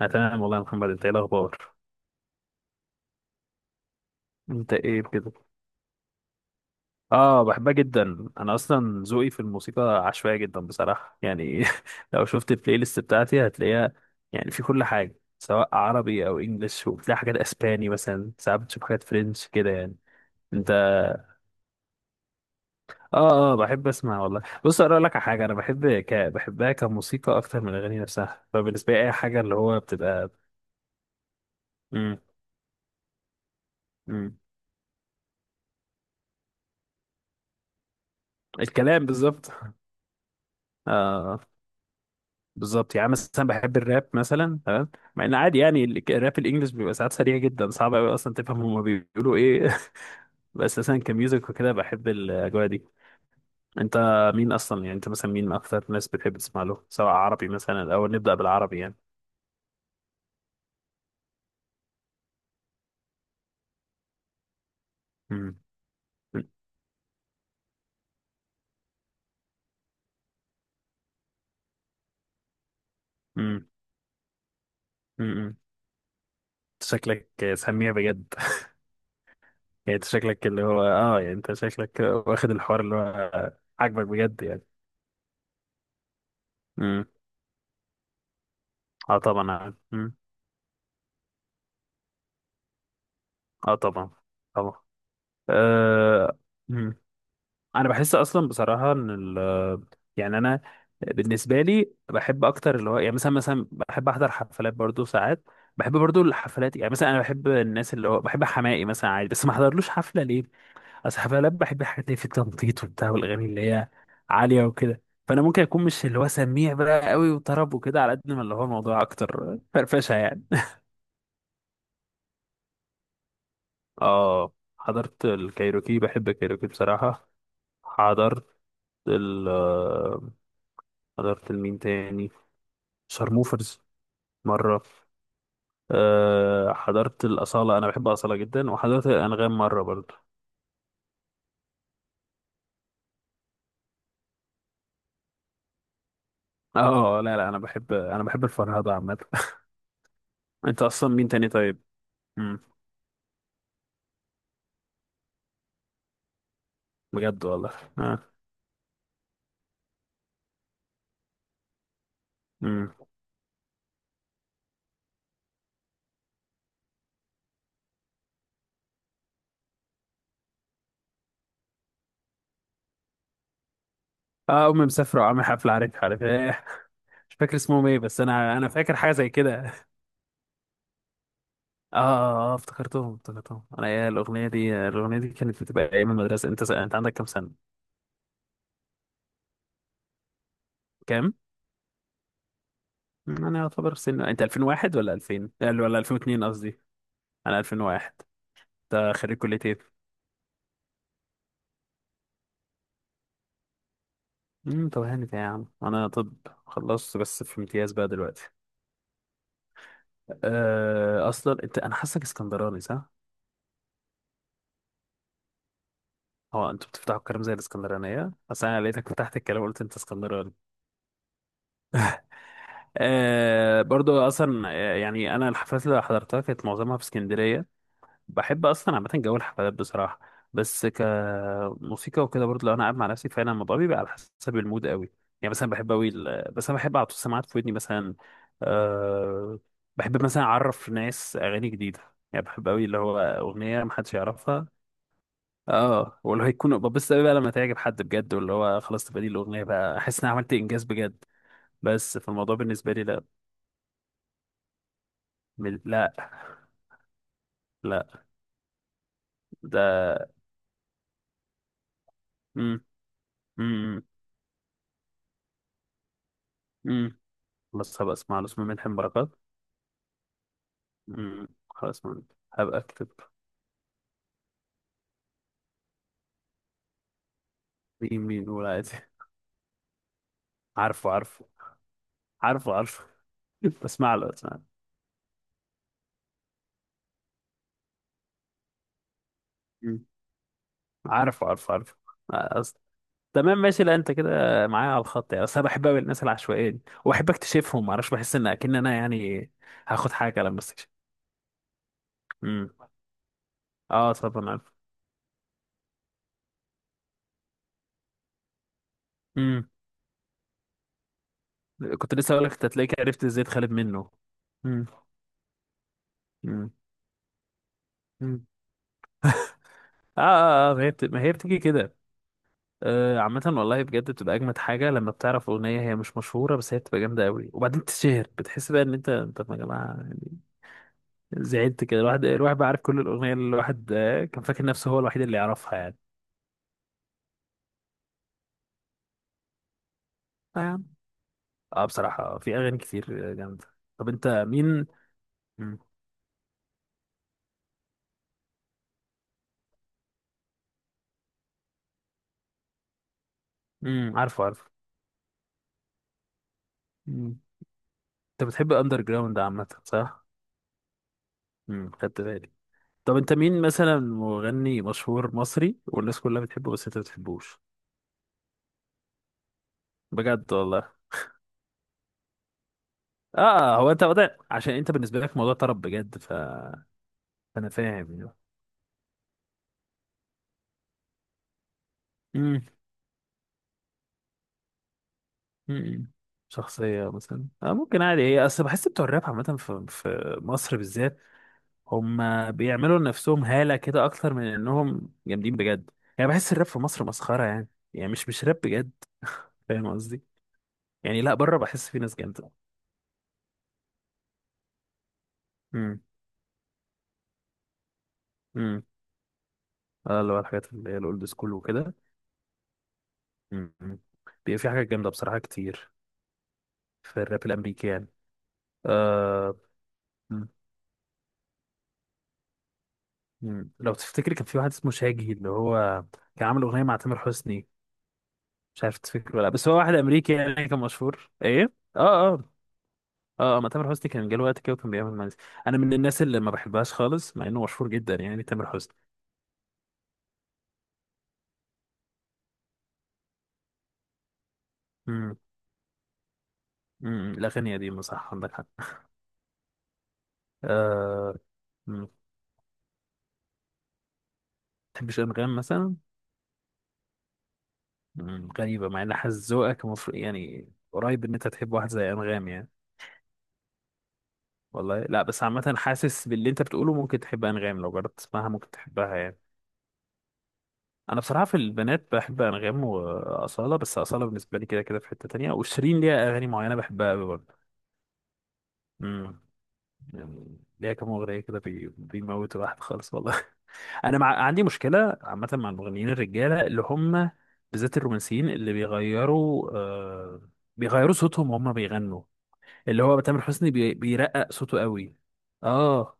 انا تمام والله يا محمد، انت ايه الاخبار؟ انت ايه كده؟ اه، بحبها جدا. انا اصلا ذوقي في الموسيقى عشوائي جدا بصراحه يعني لو شفت البلاي ليست بتاعتي هتلاقيها يعني في كل حاجه، سواء عربي او انجليش، وبتلاقي حاجات اسباني مثلا، ساعات بتشوف حاجات فرنش كده يعني. انت؟ اه، اه، بحب اسمع والله. بص اقول لك على حاجه، انا بحب بحبها كموسيقى اكتر من الاغاني نفسها، فبالنسبه لي اي حاجه اللي هو بتبقى. امم. امم. الكلام بالظبط. اه، بالظبط، يعني مثلا بحب الراب مثلا، تمام. مع ان عادي، يعني الراب الانجليش بيبقى ساعات سريع جدا، صعب قوي اصلا تفهم هما بيقولوا ايه. بس مثلا كميوزك وكده بحب الاجواء دي. انت؟ مين اصلا؟ يعني انت مثلا مين اكتر ناس بتحب تسمع له؟ سواء عربي مثلا، الاول نبدا بالعربي يعني. امم. امم. امم. شكلك سميع بجد. يعني انت شكلك اللي هو اه يعني انت شكلك واخد الحوار اللي هو عاجبك بجد يعني. امم. اه، طبعا. امم. اه، طبعا، طبعا. آه، انا بحس اصلا بصراحه ان ال يعني انا بالنسبه لي بحب اكتر اللي هو يعني مثلا، بحب احضر حفلات برضو ساعات. بحب برضو الحفلات، يعني مثلا انا بحب الناس اللي هو بحب حماقي مثلا عادي، بس ما احضرلوش حفله ليه. اصل حفلات بحب الحاجات اللي في التنطيط وبتاع، والاغاني اللي هي عاليه وكده. فانا ممكن اكون مش اللي هو سميع بقى قوي وطرب وكده، على قد ما اللي هو الموضوع اكتر فرفشه يعني. اه، حضرت الكايروكي، بحب الكايروكي بصراحه. حضرت ال حضرت المين تاني، شارموفرز، مرة. أه، حضرت الأصالة، أنا بحب أصالة جدا، وحضرت الأنغام مرة برضه. اه، لا، لا، أنا بحب الفرهدة عامة. أنت أصلا مين تاني طيب؟ مم. بجد والله؟ اه. مم. اه، أمي مسافرة وعامل حفلة، عارف إيه. مش فاكر اسمهم إيه، بس أنا فاكر حاجة زي كده. اه، اه، افتكرتهم، أنا إيه الأغنية دي، كانت بتبقى أيام المدرسة. أنت أنت عندك كام سنة؟ كام؟ أنا يعتبر سن، أنت 2001 ولا 2000 ولا 2002 قصدي. أنا 2001. ده خريج كلية ايه؟ طب هانت يا عم، انا طب خلصت بس في امتياز بقى دلوقتي. اصلا انا حاسك اسكندراني صح؟ هو انتوا بتفتحوا الكلام زي الاسكندرانية؟ اصل انا لقيتك فتحت الكلام وقلت انت اسكندراني. أه، برضو اصلا يعني انا الحفلات اللي حضرتها كانت معظمها في اسكندرية. بحب اصلا عامه جو الحفلات بصراحه. بس كموسيقى وكده برضه، لو انا قاعد مع نفسي فعلا الموضوع بيبقى على حسب المود قوي. يعني مثلا بحب قوي بس انا بحب احط السماعات في ودني مثلا. أه. بحب مثلا اعرف ناس اغاني جديده. يعني بحب قوي اللي هو اغنيه محدش يعرفها. اه، واللي هيكون ببص قوي بقى لما تعجب حد بجد، واللي هو خلاص تبقى دي الاغنيه بقى، احس ان انا عملت انجاز بجد. بس في الموضوع بالنسبه لي، لا. لا. لا. ده. امم. امم. امم. خلاص، هبقى اسمع له، اسمه ملحم بركات. مم. خلاص. ما. هبقى اكتب. مين مين نقول؟ عادي. عارفه، عارفه، عارفه، عارفه. بسمع له. مم. عارفه، عارفه، عارفه. أصل. تمام، ماشي. لا انت كده معايا على الخط يعني، اصل انا بحب قوي الناس العشوائيه دي وبحب اكتشفهم، معرفش بحس ان اكن انا يعني. هاخد حاجه لما استكشف. امم. اه، طبعا عارف. امم. كنت لسه اقول لك، انت تلاقيك عرفت ازاي تخالف منه. امم. امم. آه, اه، اه، ما هي بتيجي كده. عامة والله بجد بتبقى أجمد حاجة لما بتعرف أغنية هي مش مشهورة بس هي بتبقى جامدة أوي، وبعدين تتشهر، بتحس بقى إن أنت طب يا جماعة يعني. زعلت كده، الواحد بقى عارف كل الأغنية اللي الواحد كان فاكر نفسه هو الوحيد اللي يعرفها يعني. آه يا عم. بصراحة في أغاني كتير جامدة. طب أنت مين؟ مم. مم. عارفه، عارفه. مم. أنت بتحب أندر جراوند عامة صح؟ مم. خدت بالي. طب أنت مين مثلا؟ مغني مشهور مصري والناس كلها بتحبه بس أنت ما بتحبوش. بجد والله؟ اه. هو انت وضع، عشان انت بالنسبه لك موضوع طرب بجد، فانا فاهم يعني. امم. امم. شخصيه مثلا ممكن عادي، هي اصل بحس بتوع الراب عامه في مصر بالذات. هم بيعملوا لنفسهم هاله كده اكتر من انهم جامدين بجد. يعني بحس الراب في مصر مسخره يعني، مش راب بجد، فاهم قصدي. يعني، لا، بره بحس في ناس جامده. امم. امم. اه، اللي هو الحاجات اللي هي الاولد سكول وكده. امم. بيبقى في حاجات جامده بصراحه كتير في الراب الامريكي يعني. آه. مم. لو تفتكر كان في واحد اسمه شاجي، اللي هو كان عامل اغنيه مع تامر حسني. مش عارف تفتكر ولا لا، بس هو واحد امريكي، يعني كان مشهور ايه. اه، اه، اه، ما تامر حسني كان جاله وقت كده وكان بيعمل مانجا. انا من الناس اللي ما بحبهاش خالص، مع انه مشهور جدا يعني، تامر حسني. امم. امم. الاغنيه دي صح، عندك حق. آه. مم. تحبش انغام مثلا؟ مم. غريبه، مع ان حاسس ذوقك المفروض يعني قريب ان انت تحب واحد زي انغام يعني. والله لا، بس عامه حاسس باللي انت بتقوله، ممكن تحب انغام، لو جربت تسمعها ممكن تحبها يعني. انا بصراحه في البنات بحب انغام واصاله، بس اصاله بالنسبه لي كده كده في حته تانية، وشيرين ليها اغاني معينه بحبها قوي برضه. امم. يعني ليها كام اغنيه كده بيموتوا الواحد خالص والله. انا عندي مشكله عامه مع المغنيين الرجاله اللي هم بالذات الرومانسيين اللي بيغيروا صوتهم وهم بيغنوا. اللي هو تامر حسني بيرقق صوته قوي. اه.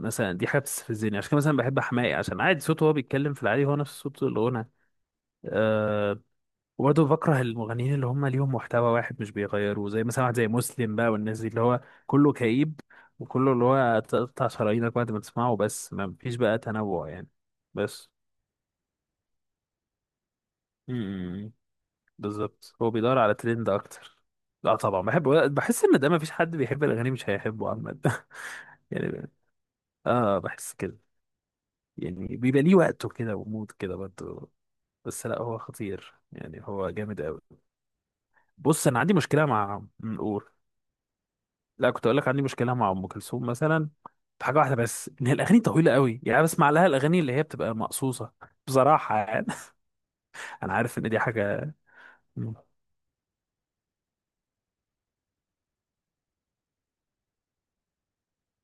مثلا دي حاجه بتستفزني، عشان كده مثلا بحب حماقي عشان عادي صوته وهو بيتكلم في العادي هو نفس صوت الغنى. آه. وبرضه بكره المغنيين اللي هم ليهم محتوى واحد مش بيغيروه، زي مثلا واحد زي مسلم بقى، والناس دي اللي هو كله كئيب. وكله اللي هو تقطع شرايينك بعد ما تسمعه، بس ما فيش بقى تنوع يعني. بس. امم. بالظبط، هو بيدور على ترند اكتر. لا، طبعا بحب. بحس ان ده ما فيش حد بيحب الاغاني مش هيحبه عامه. يعني اه، بحس كده. يعني بيبقى ليه وقته كده، ومود كده برضه. بس لا، هو خطير يعني، هو جامد قوي. بص انا عندي مشكله مع. قول. لا، كنت اقول لك عندي مشكله مع ام كلثوم مثلا. في حاجه واحده بس، ان هي الاغاني طويله قوي، يعني أنا بسمع لها الاغاني اللي هي بتبقى مقصوصه بصراحه يعني. انا عارف ان دي حاجه. مم.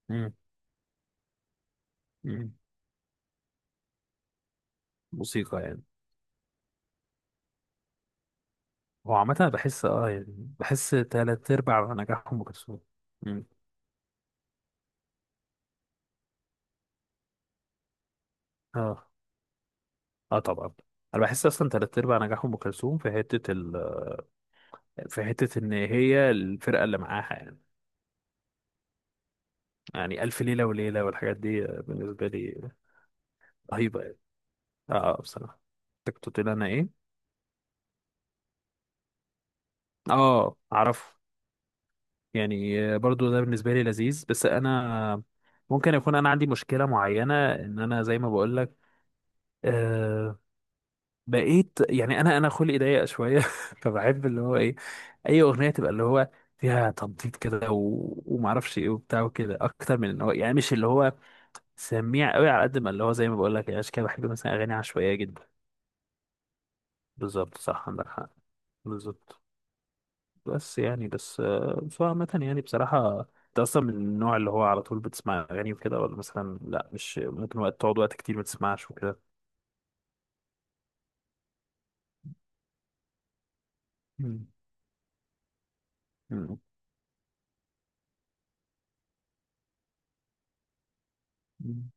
مم. مم. موسيقى يعني. هو عامه، أنا بحس يعني، بحس تلات ارباع نجاح ام كلثوم. مم. اه، اه، طبعا. انا بحس اصلا تلات ارباع نجاح ام كلثوم في حته ان هي الفرقه اللي معاها يعني. يعني الف ليله وليله والحاجات دي بالنسبه لي رهيبه يعني. اه. بصراحه. أنت كنت بتقول انا ايه؟ اه، اعرفه. يعني برضو ده بالنسبه لي لذيذ بس انا. ممكن يكون انا عندي مشكله معينه ان انا زي ما بقول لك. آه. بقيت يعني انا خلقي ضيق شويه. فبحب اللي هو ايه، اي اغنيه تبقى اللي هو فيها تنطيط كده وما اعرفش ايه وبتاع وكده، اكتر من ان هو يعني مش اللي هو سميع قوي، على قد ما اللي هو زي ما بقول لك، يعني عشان كده بحب مثلا اغاني عشوائيه جدا. بالظبط، صح، عندك حق. بالظبط. بس فعامة يعني بصراحة، انت اصلا من النوع اللي هو على طول بتسمع اغاني وكده، ولا مثلا لا مش ممكن، وقت تقعد وقت كتير ما تسمعش وكده؟ مم. مم. مم.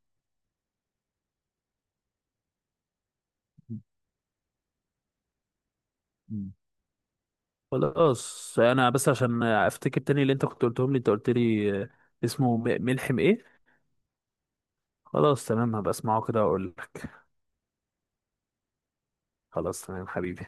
مم. خلاص انا بس عشان افتكر تاني اللي انت قلت لي اسمه ملحم ايه. خلاص، تمام، هبقى اسمعه كده واقول لك. خلاص، تمام، حبيبي.